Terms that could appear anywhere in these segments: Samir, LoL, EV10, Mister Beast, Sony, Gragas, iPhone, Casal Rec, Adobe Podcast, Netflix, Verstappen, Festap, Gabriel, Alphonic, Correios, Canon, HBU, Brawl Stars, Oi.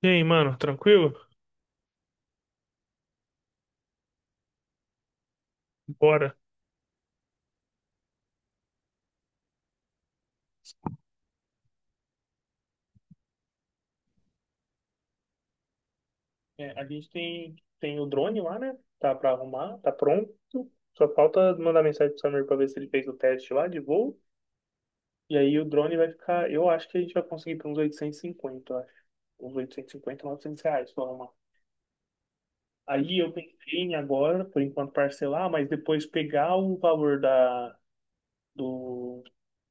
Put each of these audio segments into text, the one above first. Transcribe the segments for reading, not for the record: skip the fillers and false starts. E aí, mano, tranquilo? Bora. É, a gente tem o drone lá, né? Tá pra arrumar, tá pronto. Só falta mandar mensagem pro Samir pra ver se ele fez o teste lá de voo. E aí o drone vai ficar. Eu acho que a gente vai conseguir por uns 850, eu acho. Uns 850 900 reais pra arrumar. Aí eu pensei em agora, por enquanto, parcelar, mas depois pegar o valor do,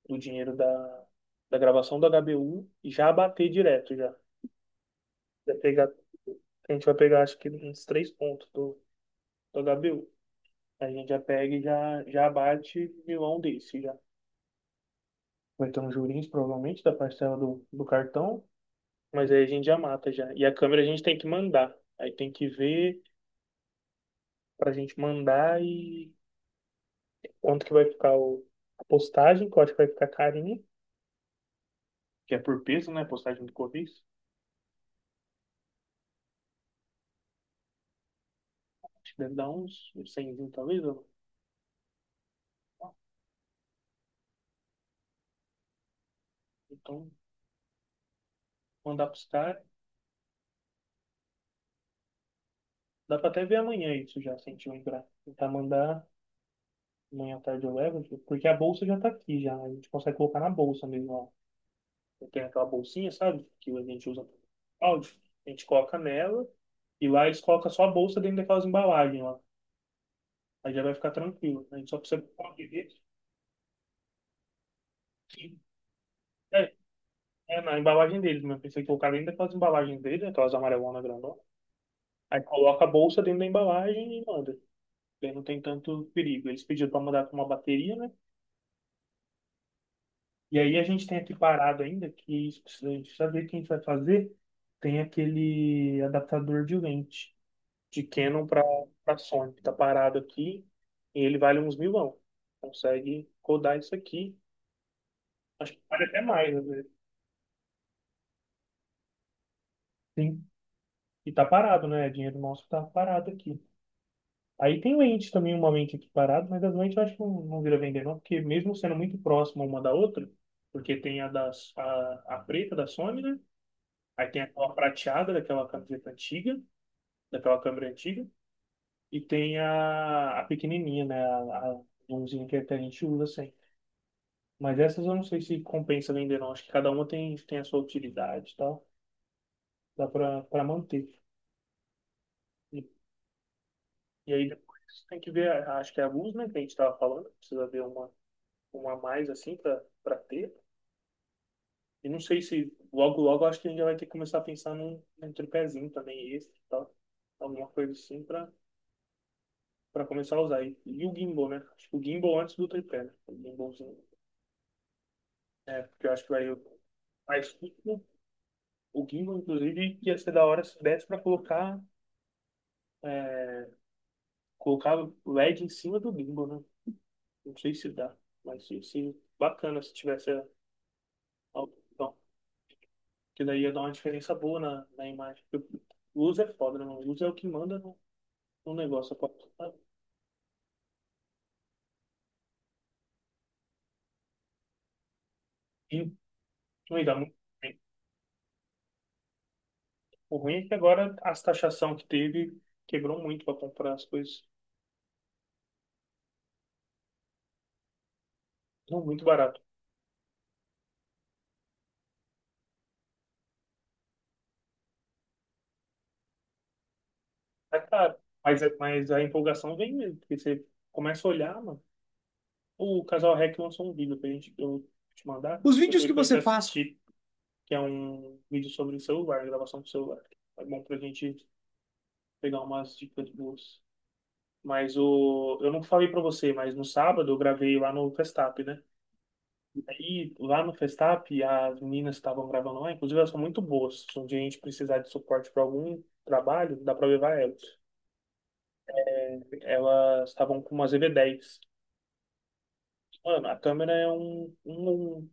do dinheiro da gravação do HBU e já bater direto já. Vai pegar, a gente vai pegar acho que uns três pontos Ô, Gabriel, a gente já pega e já bate milão desse já. Vai ter um juros, provavelmente, da parcela do cartão, mas aí a gente já mata já. E a câmera a gente tem que mandar. Aí tem que ver pra gente mandar e quanto que vai ficar a postagem, que eu acho que vai ficar carinha, que é por peso, né? Postagem do Correios. Acho que deve dar uns talvez, ou não. Então, mandar pros caras. Dá pra até ver amanhã isso já, se a gente lembrar. Tentar mandar. Amanhã à tarde eu levo, tipo, porque a bolsa já tá aqui já. A gente consegue colocar na bolsa mesmo, ó. Eu tenho aquela bolsinha, sabe? Que a gente usa pro áudio. A gente coloca nela e lá eles colocam só a bolsa dentro daquelas embalagens lá. Aí já vai ficar tranquilo. A gente só precisa colocar dentro. É, é na embalagem deles, mas pensei que colocar dentro daquelas embalagens deles, aquelas amarelonas grandonas. Aí coloca a bolsa dentro da embalagem e manda. Aí não tem tanto perigo. Eles pediram para mandar com uma bateria, né? E aí a gente tem aqui parado ainda, que isso a gente precisa ver o que a gente vai fazer. Tem aquele adaptador de lente de Canon para Sony, que tá parado aqui, e ele vale uns milão. Consegue codar isso aqui. Acho que vale até mais, às vezes. Sim. E tá parado, né? Dinheiro nosso tá parado aqui. Aí tem lente também, uma lente aqui parada, mas as lentes eu acho que não vira vender, não, porque mesmo sendo muito próxima uma da outra, porque tem a preta da Sony, né? Aí tem aquela prateada daquela camiseta antiga, daquela câmera antiga, e tem a pequenininha, né? A zoomzinha que até a gente usa assim. Mas essas eu não sei se compensa vender, não. Acho que cada uma tem a sua utilidade e tal. Dá pra manter. E, e aí depois tem que ver, acho que é a luz, né, que a gente tava falando. Precisa ver uma a mais assim pra, pra ter. E não sei se logo, logo acho que a gente já vai ter que começar a pensar num, num tripézinho também extra e tal. Alguma coisa assim pra, pra começar a usar. E o gimbal, né? Acho que o gimbal antes do tripé, né? O gimbalzinho. É, porque eu acho que vai mais curto. O gimbal, inclusive, ia ser da hora se desse pra é, colocar o LED em cima do gimbal, né? Não sei se dá, mas sim, sim, bacana se tivesse a Que daí ia dar uma diferença boa na imagem. Porque luz é foda, né, mano? Luz é o que manda no, no negócio. E não ia dar muito bem. O ruim é que agora as taxação que teve quebrou muito pra comprar as coisas. Não, muito barato. É caro. Mas, mas a empolgação vem mesmo, porque você começa a olhar, mano. O Casal Rec lançou um vídeo pra gente, eu vou te mandar, os vídeos que depois pra gente você gente faz assistir, que é um vídeo sobre o celular, gravação do celular. É bom pra gente pegar umas dicas boas. Mas o, eu não falei pra você, mas no sábado eu gravei lá no Festap, né? Aí lá no Festap, as meninas que estavam gravando lá, inclusive elas são muito boas. Se um dia a gente precisar de suporte pra algum trabalho, dá pra levar elas. Elas estavam com umas EV10. Mano, a câmera é um, um, um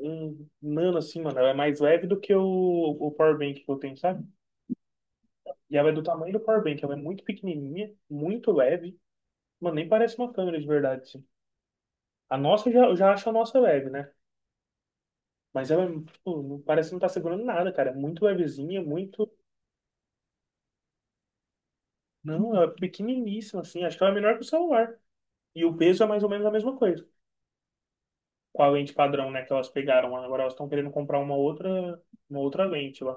um nano assim, mano. Ela é mais leve do que o power bank que eu tenho, sabe? E ela é do tamanho do power bank. Ela é muito pequenininha, muito leve. Mano, nem parece uma câmera de verdade, assim. A nossa, eu já acho a nossa leve, né? Mas ela, é, tipo, não parece que não tá segurando nada, cara. É muito levezinha, muito... Não, ela é pequeniníssima, assim. Acho que ela é menor que o celular. E o peso é mais ou menos a mesma coisa. Com a lente padrão, né, que elas pegaram. Agora elas estão querendo comprar uma outra lente lá.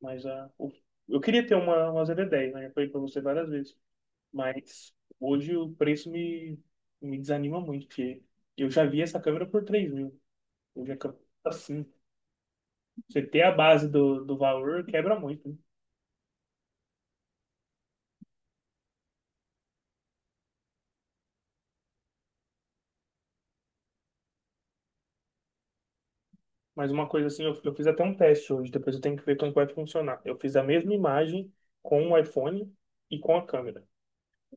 Mas a, o- eu queria ter uma ZD10, né? Já falei pra você várias vezes. Mas hoje o preço me desanima muito, porque eu já vi essa câmera por 3 mil. Hoje a câmera tá assim. Você ter a base do valor quebra muito, né? Mas uma coisa assim, eu fiz até um teste hoje, depois eu tenho que ver como vai funcionar. Eu fiz a mesma imagem com o iPhone e com a câmera,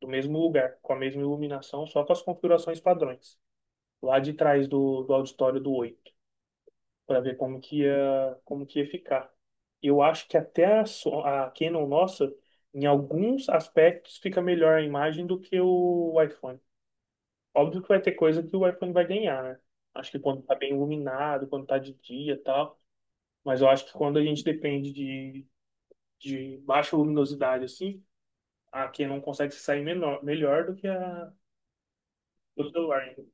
do mesmo lugar, com a mesma iluminação, só com as configurações padrões, lá de trás do auditório do Oi, para ver como que ia ficar. Eu acho que até a Canon nossa, em alguns aspectos, fica melhor a imagem do que o iPhone. Óbvio que vai ter coisa que o iPhone vai ganhar, né? Acho que quando tá bem iluminado, quando tá de dia e tal, mas eu acho que quando a gente depende de baixa luminosidade assim, a Canon consegue se sair menor, melhor do que a do celular, né?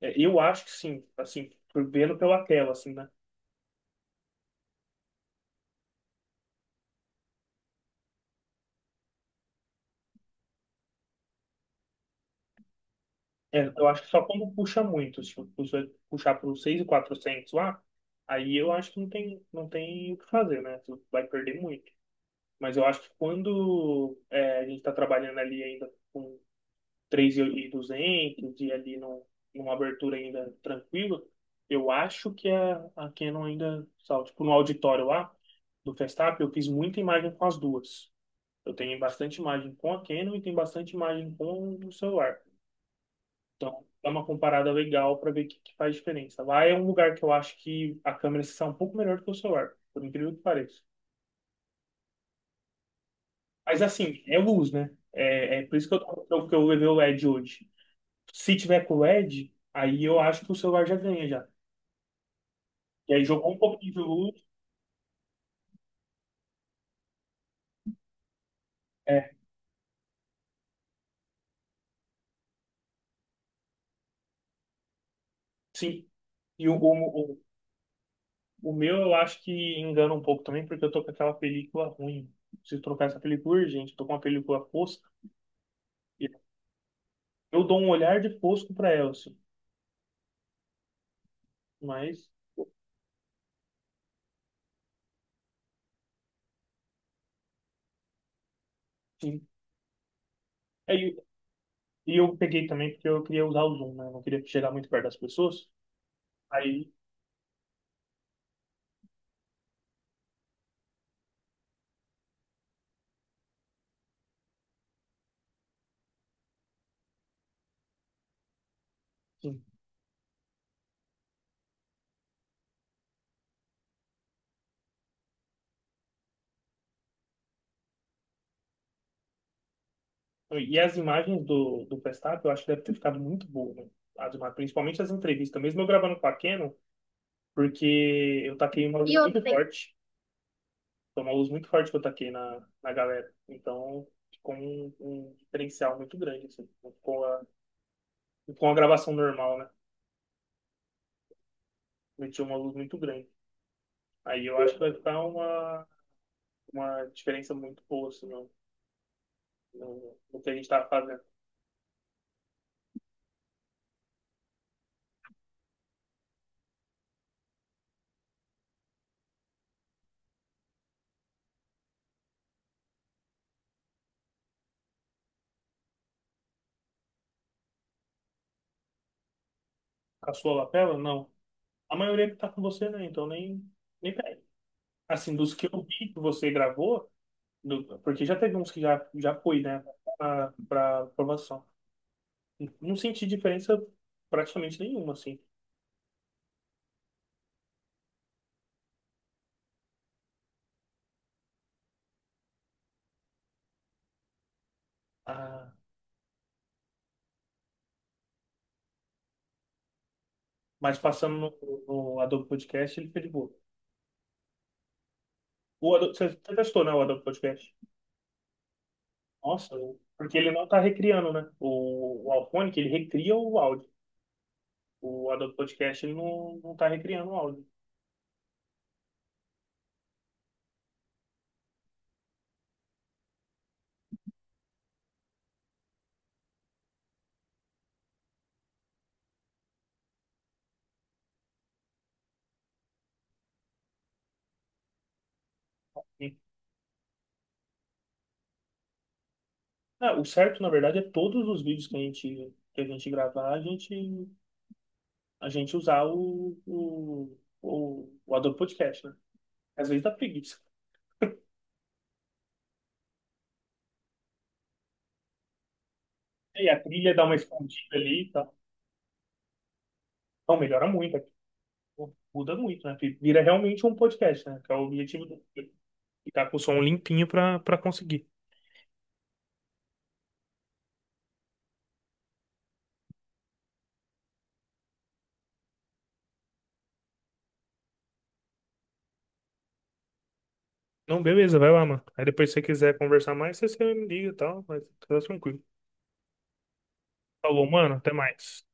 É, eu acho que sim, assim, vendo pela tela, assim, né? É, eu acho que só quando puxa muito, se puxar para os 6.400 lá, aí eu acho que não tem, não tem o que fazer, né? Tu vai perder muito. Mas eu acho que quando é, a gente está trabalhando ali ainda com 3.200 e 200 e ali num, numa abertura ainda tranquila, eu acho que a Canon ainda, sabe, tipo no auditório lá do Festap, eu fiz muita imagem com as duas. Eu tenho bastante imagem com a Canon e tenho bastante imagem com o celular. Então, é uma comparada legal para ver o que, que faz diferença. Lá é um lugar que eu acho que a câmera está um pouco melhor do que o celular, por incrível que pareça. Mas assim, é luz, né? É por isso que eu levei o LED hoje. Se tiver com LED, aí eu acho que o celular já ganha já. E aí jogou um pouquinho de luz. É, sim. E o meu eu acho que engana um pouco também, porque eu tô com aquela película ruim. Preciso trocar essa película urgente. Tô com uma película fosca. E eu dou um olhar de fosco para ela, assim. Mas, sim. É, e eu peguei também porque eu queria usar o zoom, né? Eu não queria chegar muito perto das pessoas. Aí, sim. E as imagens do Verstappen, eu acho que deve ter ficado muito boa, né? As imagens, principalmente as entrevistas. Mesmo eu gravando com a Canon, porque eu taquei uma E luz outra, muito outra, tem, forte. Foi uma luz muito forte que eu taquei na galera. Então, ficou um diferencial muito grande, assim. Não ficou uma gravação normal, né? Meti uma luz muito grande. Aí eu acho que vai ficar uma diferença muito boa, assim, no, no que a gente tá fazendo. Com a sua lapela? Não. A maioria que tá com você, né? Então nem, nem pega. Assim, dos que eu vi que você gravou, porque já teve uns que já, já fui, né? Pra, pra aprovação. Não senti diferença praticamente nenhuma, assim. Ah, mas passando no Adobe Podcast, ele foi de boa. O Adobe, você testou, né? O Adobe Podcast. Nossa, porque ele não tá recriando, né? O Alphonic, ele recria o áudio. O Adobe Podcast, ele não tá recriando o áudio. É, o certo, na verdade, é todos os vídeos que que a gente gravar, a gente usar o Adobe Podcast, né? Às vezes dá preguiça. E a trilha dá uma escondida ali e tal. Então, melhora muito, é, muda muito, né? Porque vira realmente um podcast, né? Que é o objetivo do... Ficar com o som limpinho pra, pra conseguir. Não, beleza, vai lá, mano. Aí depois se você quiser conversar mais, você me liga e tal, mas tá tranquilo. Falou, mano, até mais.